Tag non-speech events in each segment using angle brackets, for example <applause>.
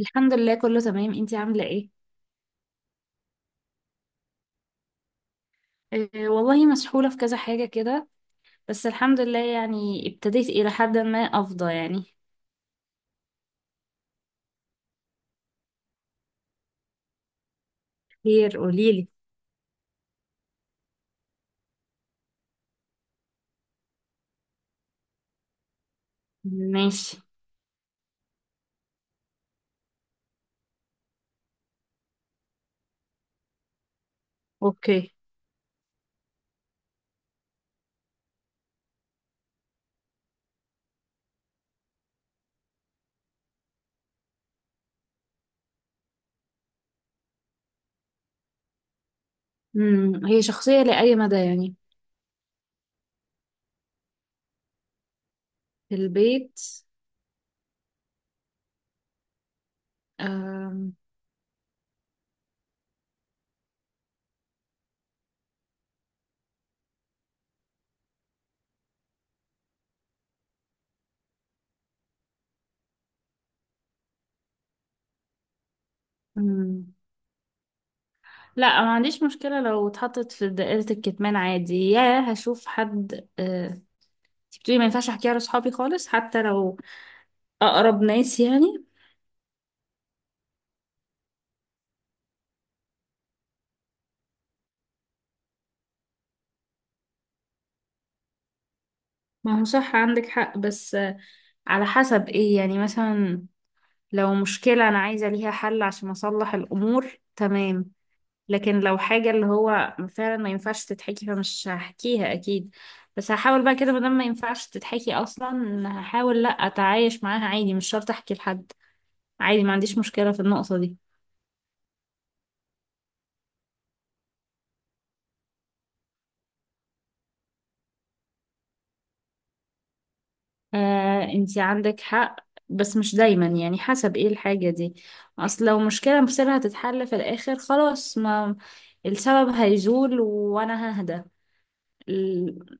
الحمد لله كله تمام، انتي عاملة ايه؟ اه والله مسحولة في كذا حاجة كده، بس الحمد لله يعني ابتديت إلى حد ما أفضى يعني. خير قوليلي. ماشي. اوكي. مم. هي شخصية لأي مدى يعني؟ في البيت. أم. مم. لا ما عنديش مشكلة، لو اتحطت في دائرة الكتمان عادي يا هشوف حد. اه، انتي بتقولي ما ينفعش احكيها لصحابي خالص حتى لو أقرب ناس يعني؟ ما هو صح عندك حق، بس على حسب ايه يعني؟ مثلا لو مشكلة أنا عايزة ليها حل عشان أصلح الأمور تمام، لكن لو حاجة اللي هو فعلا ما ينفعش تتحكي فمش هحكيها أكيد. بس هحاول بقى كده، مادام ما ينفعش تتحكي أصلا هحاول لأ أتعايش معاها عادي، مش شرط أحكي لحد. عادي ما عنديش مشكلة في النقطة دي. آه أنتي عندك حق، بس مش دايما يعني، حسب ايه الحاجة دي. أصل لو مشكلة مصيرها تتحل في الآخر خلاص، ما السبب هيزول وأنا ههدى. ال-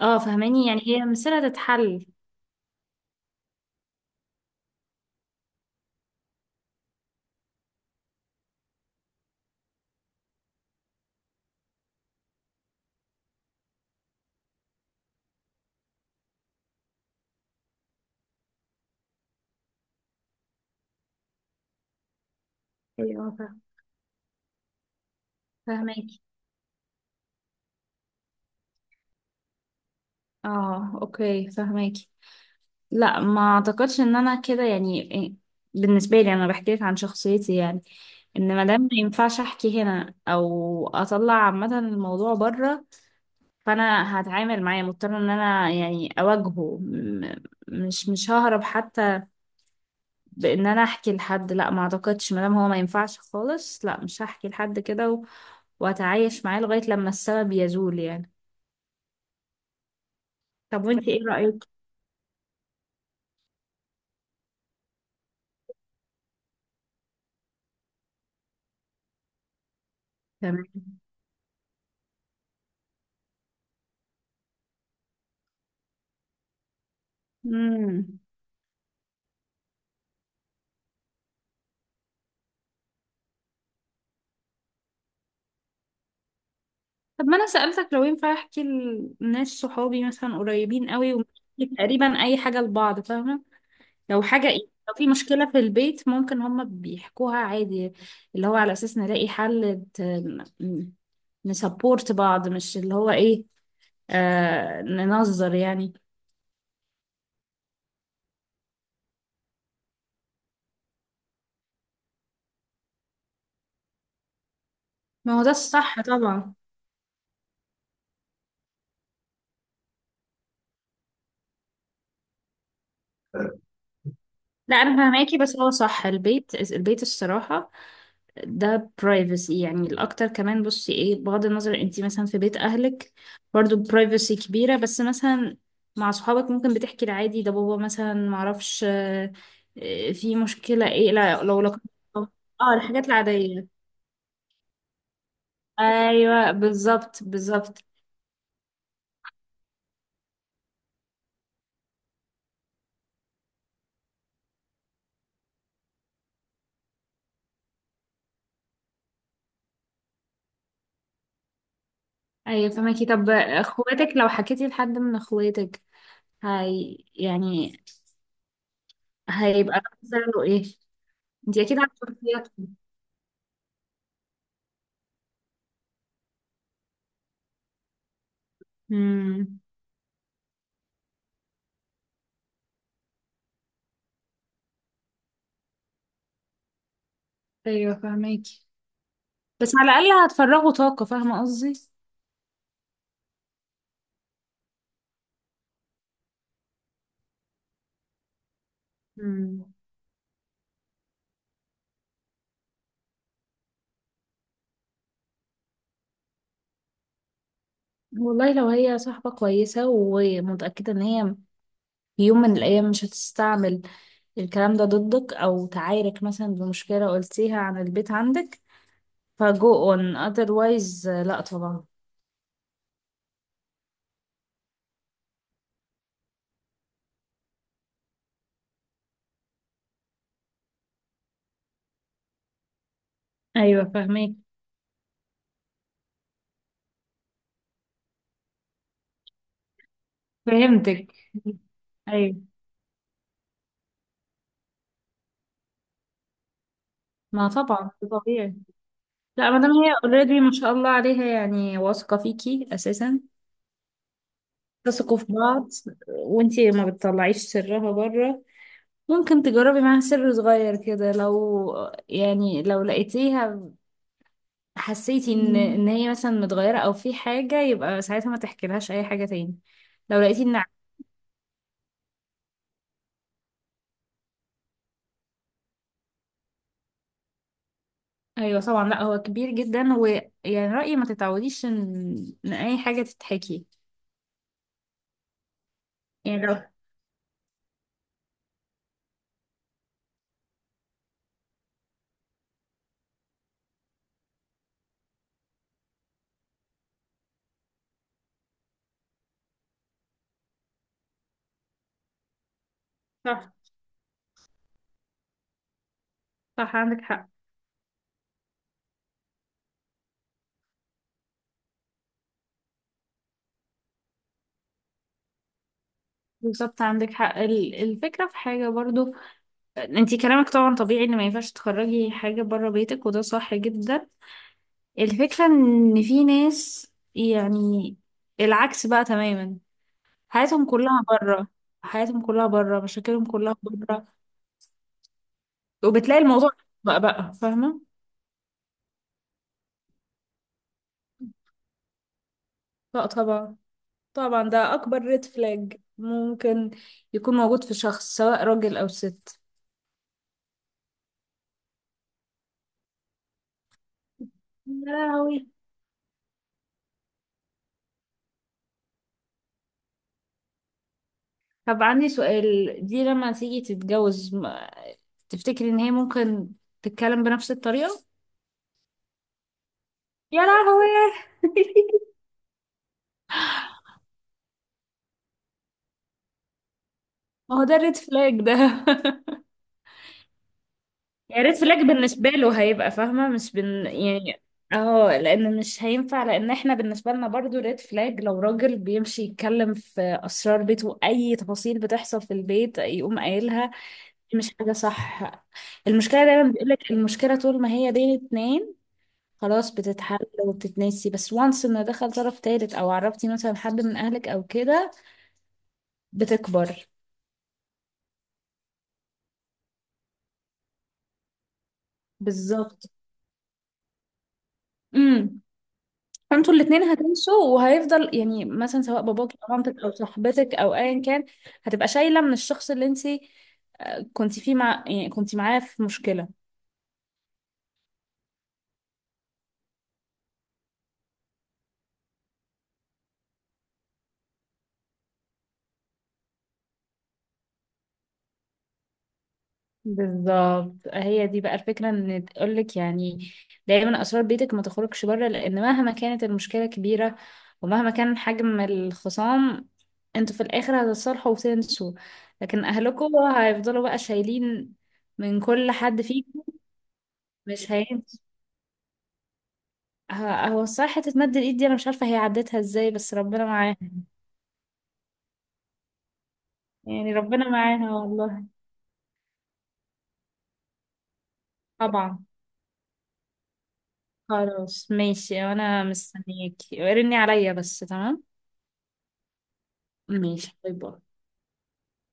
اه فهماني يعني هي مصيرها تتحل. ايوه فاهماكي. اه اوكي فهماكي. لا ما اعتقدش ان انا كده يعني بالنسبه لي انا بحكي لك عن شخصيتي يعني، ان مادام ما ينفعش احكي هنا او اطلع عامه الموضوع بره فانا هتعامل معاه مضطره ان انا يعني مش ههرب حتى بان انا احكي لحد. لا ما اعتقدش، مادام هو ما ينفعش خالص لا مش هحكي لحد كده واتعايش معاه لغايه لما السبب يزول يعني. طب وانتي ايه رايك؟ تمام. امم. طب ما انا سألتك لو ينفع احكي لناس صحابي مثلا قريبين قوي، ومش تقريبا اي حاجة لبعض فاهمة؟ لو حاجة ايه، لو في مشكلة في البيت ممكن هما بيحكوها عادي، اللي هو على اساس نلاقي حل ت- ن- نسبورت بعض، مش اللي هو ايه، آه ننظر يعني. ما هو ده الصح طبعا. لا انا فهماكي، بس هو صح البيت البيت الصراحة ده privacy يعني. الأكتر كمان بصي ايه، بغض النظر انتي مثلا في بيت أهلك برضو privacy كبيرة، بس مثلا مع صحابك ممكن بتحكي العادي ده، بابا مثلا معرفش في مشكلة ايه، لا لو لك. اه الحاجات العادية، ايوه بالظبط بالظبط. ايوه فماكي. طب اخواتك، لو حكيتي لحد من اخواتك هي يعني هيبقى رد فعله ايه؟ انتي اكيد عارفة شخصياتهم. امم. ايوه فهماكي، بس على الأقل هتفرغوا طاقة فاهمة قصدي. مم. والله لو هي صاحبة كويسة ومتأكدة إن هي في يوم من الأيام مش هتستعمل الكلام ده ضدك أو تعايرك مثلا بمشكلة قلتيها عن البيت عندك، فجو on otherwise لأ طبعا. ايوه فاهمك. فهمتك. ايوه ما طبعا ده طبيعي. لا ما دام هي اوريدي ما شاء الله عليها يعني واثقة فيكي أساسا، تثقوا في بعض، وانتي ما بتطلعيش سرها بره، ممكن تجربي معاها سر صغير كده. لو يعني لو لقيتيها حسيتي ان مم. ان هي مثلا متغيرة او في حاجة، يبقى ساعتها ما تحكيلهاش اي حاجة تاني. لو لقيتي ان، ايوه طبعا، لا هو كبير جدا، ويعني رأيي ما تتعوديش ان ان اي حاجة تتحكي. يعني لو صح، صح عندك حق. بالظبط عندك حق. الفكرة في حاجة برضو، انتي كلامك طبعا طبيعي ان ما ينفعش تخرجي حاجة بره بيتك وده صح جدا. الفكرة ان في ناس يعني العكس بقى تماما. حياتهم كلها بره، حياتهم كلها بره، مشاكلهم كلها بره، وبتلاقي الموضوع بقى فاهمة. لا طبعا، طبعا ده اكبر ريد فلاج ممكن يكون موجود في شخص سواء راجل او ست. يا لهوي. طب عندي سؤال دي لما تيجي تتجوز تفتكري ان هي ممكن تتكلم بنفس الطريقة؟ يا لهوي. <laughs> ما هو ده الريد فلاج ده. <laughs> يعني ريد فلاج بالنسبة له هيبقى فاهمة، مش بن يعني. اه لان مش هينفع، لان احنا بالنسبة لنا برضو ريد فلاج لو راجل بيمشي يتكلم في اسرار بيته، اي تفاصيل بتحصل في البيت يقوم قايلها، دي مش حاجة صح. المشكلة دايما بيقولك المشكلة طول ما هي بين اتنين خلاص بتتحل وبتتنسي، بس وانس ان دخل طرف تالت او عرفتي مثلا حد من اهلك او كده بتكبر. بالظبط، فانتوا الاتنين هتمشوا وهيفضل يعني مثلا سواء باباك او مامتك او صاحبتك او ايا كان، هتبقى شايله من الشخص اللي انت كنت فيه مع يعني كنت معاه في مشكله. بالظبط، هي دي بقى الفكرة ان تقولك يعني دايما اسرار بيتك ما تخرجش بره، لان مهما كانت المشكلة كبيرة ومهما كان حجم الخصام انتوا في الاخر هتتصالحوا وتنسوا، لكن اهلكوا هيفضلوا بقى شايلين من كل حد فيكم. مش هينسوا. هو الصراحة حتة مد الإيد دي أنا مش عارفة هي عدتها إزاي، بس ربنا معاها. يعني ربنا معاها والله. طبعا. خلاص ماشي، أنا مستنياكي رني عليا بس، تمام. ماشي باي باي.